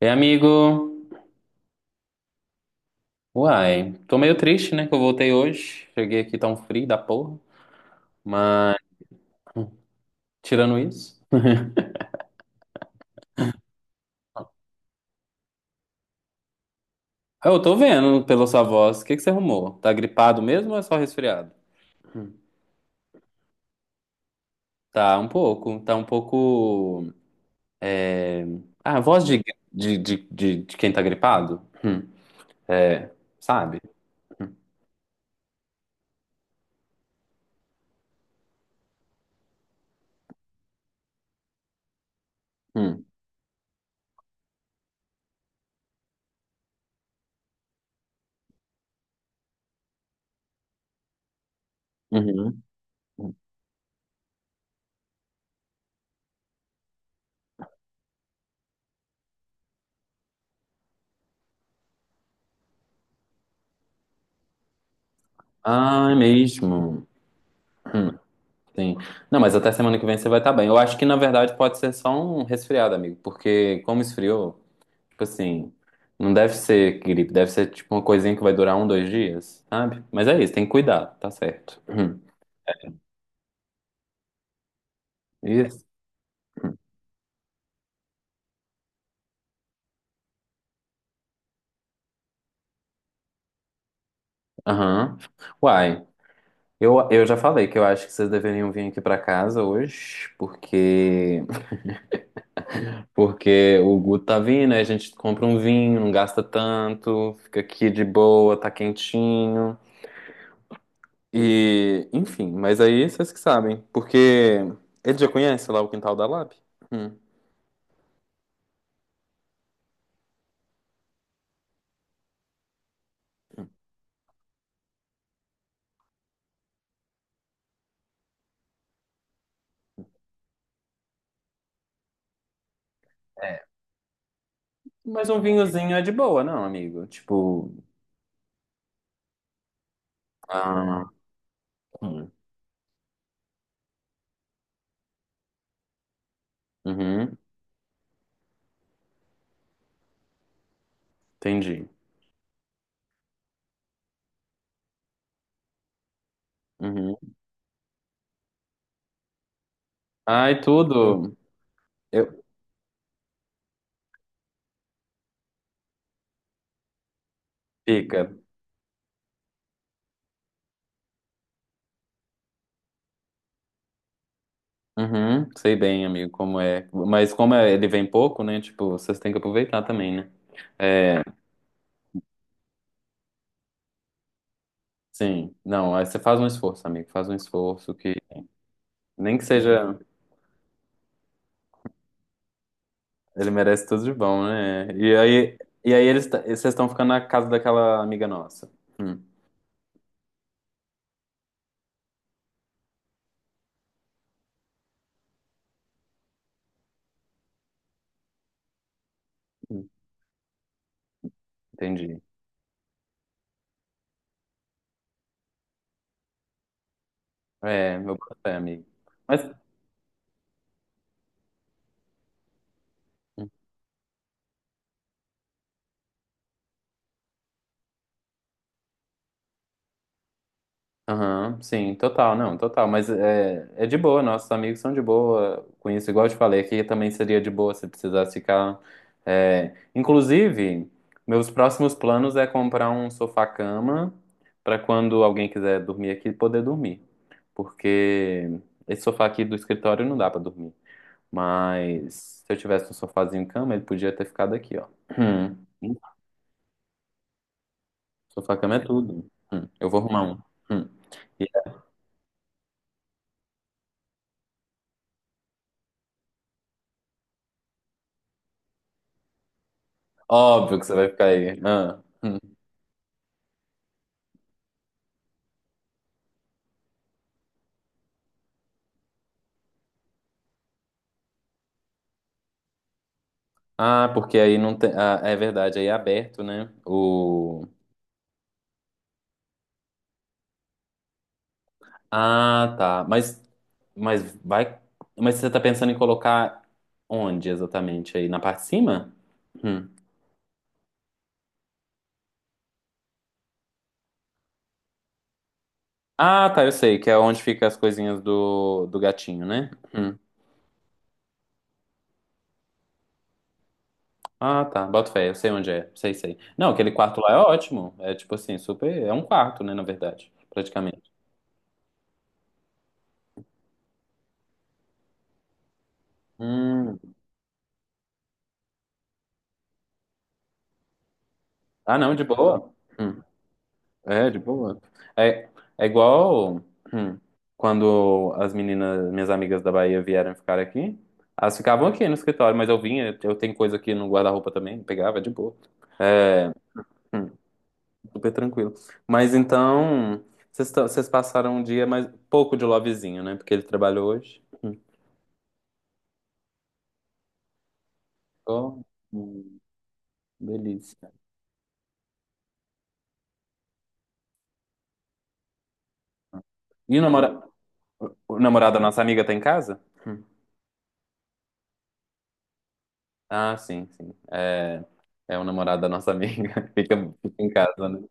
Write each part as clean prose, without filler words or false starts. E amigo, uai, tô meio triste, né, que eu voltei hoje. Cheguei aqui tão frio da porra. Mas, hum, tirando isso... Ah, eu tô vendo pela sua voz, o que que você arrumou? Tá gripado mesmo ou é só resfriado? Hum. Tá um pouco, é... ah, a voz de, quem tá gripado? Hum. É, sabe? Hum. Uhum. Ah, é mesmo. Hum. Sim. Não, mas até semana que vem você vai estar bem. Eu acho que na verdade pode ser só um resfriado, amigo, porque como esfriou, tipo assim, não deve ser gripe, deve ser tipo uma coisinha que vai durar um, dois dias, sabe? Mas é isso, tem que cuidar, tá certo. Isso. Aham. Uai, eu já falei que eu acho que vocês deveriam vir aqui pra casa hoje, porque o Guto tá vindo, aí a gente compra um vinho, não gasta tanto, fica aqui de boa, tá quentinho. E, enfim, mas aí vocês que sabem. Porque ele já conhece lá o quintal da Lab? Hum. Mas um vinhozinho é de boa, não, amigo? Tipo. Ah, hum. Uhum, entendi. Uhum. Ai, tudo. Eu... Fica. Uhum, sei bem, amigo, como é. Mas ele vem pouco, né? Tipo, vocês têm que aproveitar também, né? É, sim. Não, aí você faz um esforço, amigo. Faz um esforço que. Nem que seja. Ele merece tudo de bom, né? E aí, vocês estão ficando na casa daquela amiga nossa. Hum, entendi. É, meu papai, amigo. Mas. Aham, sim, total, não, total. Mas é de boa, nossos amigos são de boa com isso. Igual eu te falei, aqui também seria de boa se precisasse ficar. É, inclusive, meus próximos planos é comprar um sofá-cama para quando alguém quiser dormir aqui, poder dormir. Porque esse sofá aqui do escritório não dá para dormir. Mas se eu tivesse um sofazinho cama, ele podia ter ficado aqui, ó. Hum. Sofá-cama é tudo. Hum. Eu vou arrumar um. Hum. Óbvio que você vai ficar aí. Ah. Ah, porque aí não tem. Ah, é verdade, aí é aberto, né? O. Ah, tá. Mas vai. Mas você tá pensando em colocar onde exatamente? Aí na parte de cima? Hum. Ah, tá, eu sei, que é onde fica as coisinhas do gatinho, né? Hum. Ah, tá. Boto fé, eu sei onde é. Sei, sei. Não, aquele quarto lá é ótimo. É tipo assim, super. É um quarto, né, na verdade, praticamente. Hum. Ah, não, de boa. Hum. É, de boa. É, é igual hum, quando as meninas, minhas amigas da Bahia vieram ficar aqui. Elas ficavam aqui no escritório, mas eu vinha, eu tenho coisa aqui no guarda-roupa também, pegava, é de boa. É, hum, super tranquilo. Mas então, vocês passaram um dia mais pouco de lovezinho, né? Porque ele trabalhou hoje. Hum. Oh, hum, delícia. E o namorado da nossa amiga tá em casa? Ah, sim, sim. É o namorado da nossa amiga. Fica em casa, né?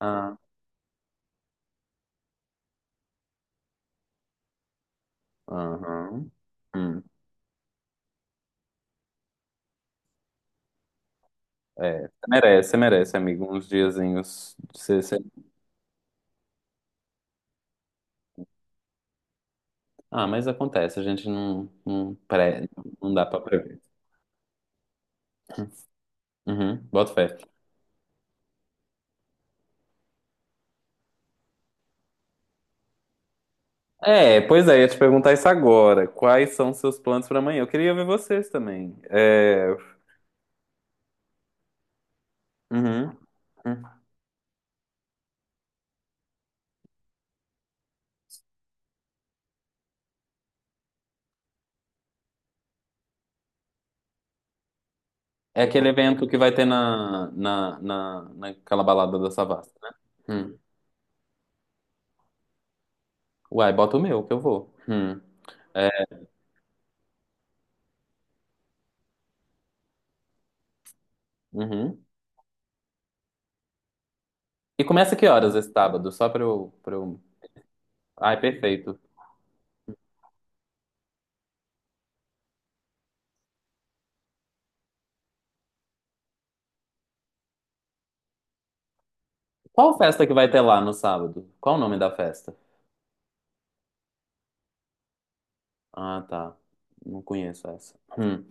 Ah, aham. Hum, é, você merece, amigo, uns diazinhos. Ah, mas acontece, a gente não dá pra prever. Uhum, boto fé. É, pois é, ia te perguntar isso agora. Quais são seus planos pra amanhã? Eu queria ver vocês também. É, uhum. Uhum. É aquele evento que vai ter naquela balada da Savassi, né? Hum. Uai, bota o meu, que eu vou. Hum. É, uhum. E começa que horas esse sábado? Só pra eu... Ai, perfeito. Qual festa que vai ter lá no sábado? Qual o nome da festa? Ah, tá. Não conheço essa. Hum.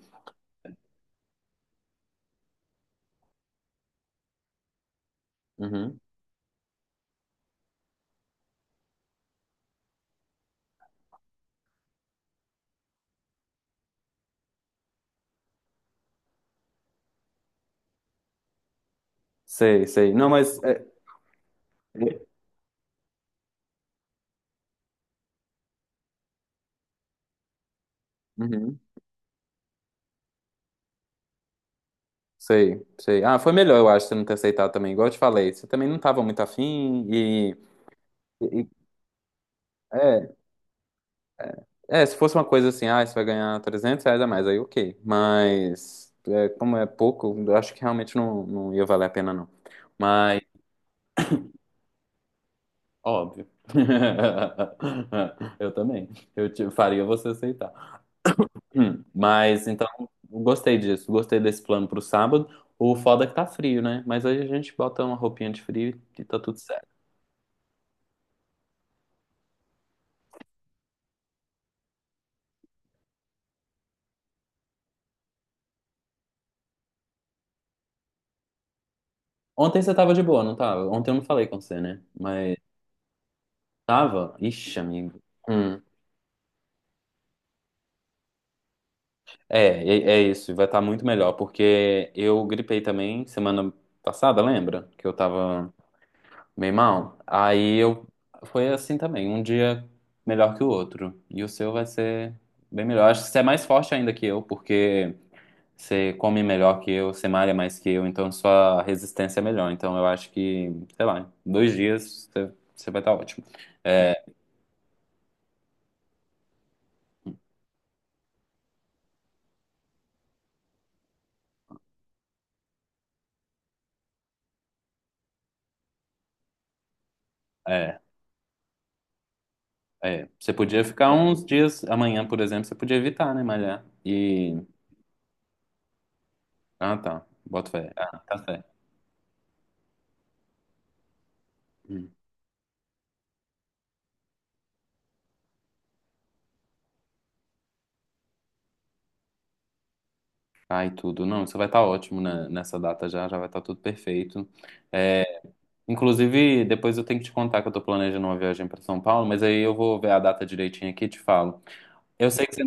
Uhum. Sei, sei. Não, mas... é, uhum. Sei, sei. Ah, foi melhor, eu acho, você não ter aceitado também. Igual eu te falei, você também não tava muito afim e- e- é, É, se fosse uma coisa assim, ah, você vai ganhar R$ 300 a mais, aí ok. Mas, é, como é pouco, eu acho que realmente não ia valer a pena, não. Mas, óbvio. Eu também. Faria você aceitar. Hum. Mas, então, gostei disso. Gostei desse plano pro sábado. O foda é que tá frio, né? Mas aí a gente bota uma roupinha de frio e tá tudo certo. Ontem você tava de boa, não tava? Ontem eu não falei com você, né? Mas, tava? Ixi, amigo. Hum. É isso, vai estar muito melhor, porque eu gripei também semana passada, lembra? Que eu tava bem mal. Aí eu foi assim também, um dia melhor que o outro. E o seu vai ser bem melhor. Acho que você é mais forte ainda que eu, porque você come melhor que eu, você malha mais que eu, então sua resistência é melhor. Então eu acho que, sei lá, em 2 dias você vai estar ótimo. É, é, é. Você podia ficar uns dias, amanhã, por exemplo, você podia evitar, né, malhar. E Ah, tá. Bota fé. Ah, tá certo. Hum. Ai, tudo. Não, isso vai estar ótimo né, nessa data já, já vai estar tudo perfeito. É, inclusive, depois eu tenho que te contar que eu tô planejando uma viagem para São Paulo, mas aí eu vou ver a data direitinho aqui e te falo. Eu sei que você...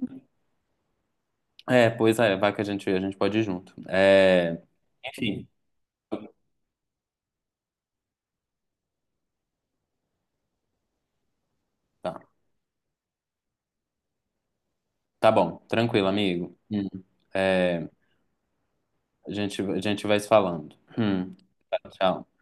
É, pois é, vai que a gente pode ir junto. É, enfim, tá. Tá bom. Tranquilo, amigo. Hum. É, a gente vai se falando. Hum. Tchau.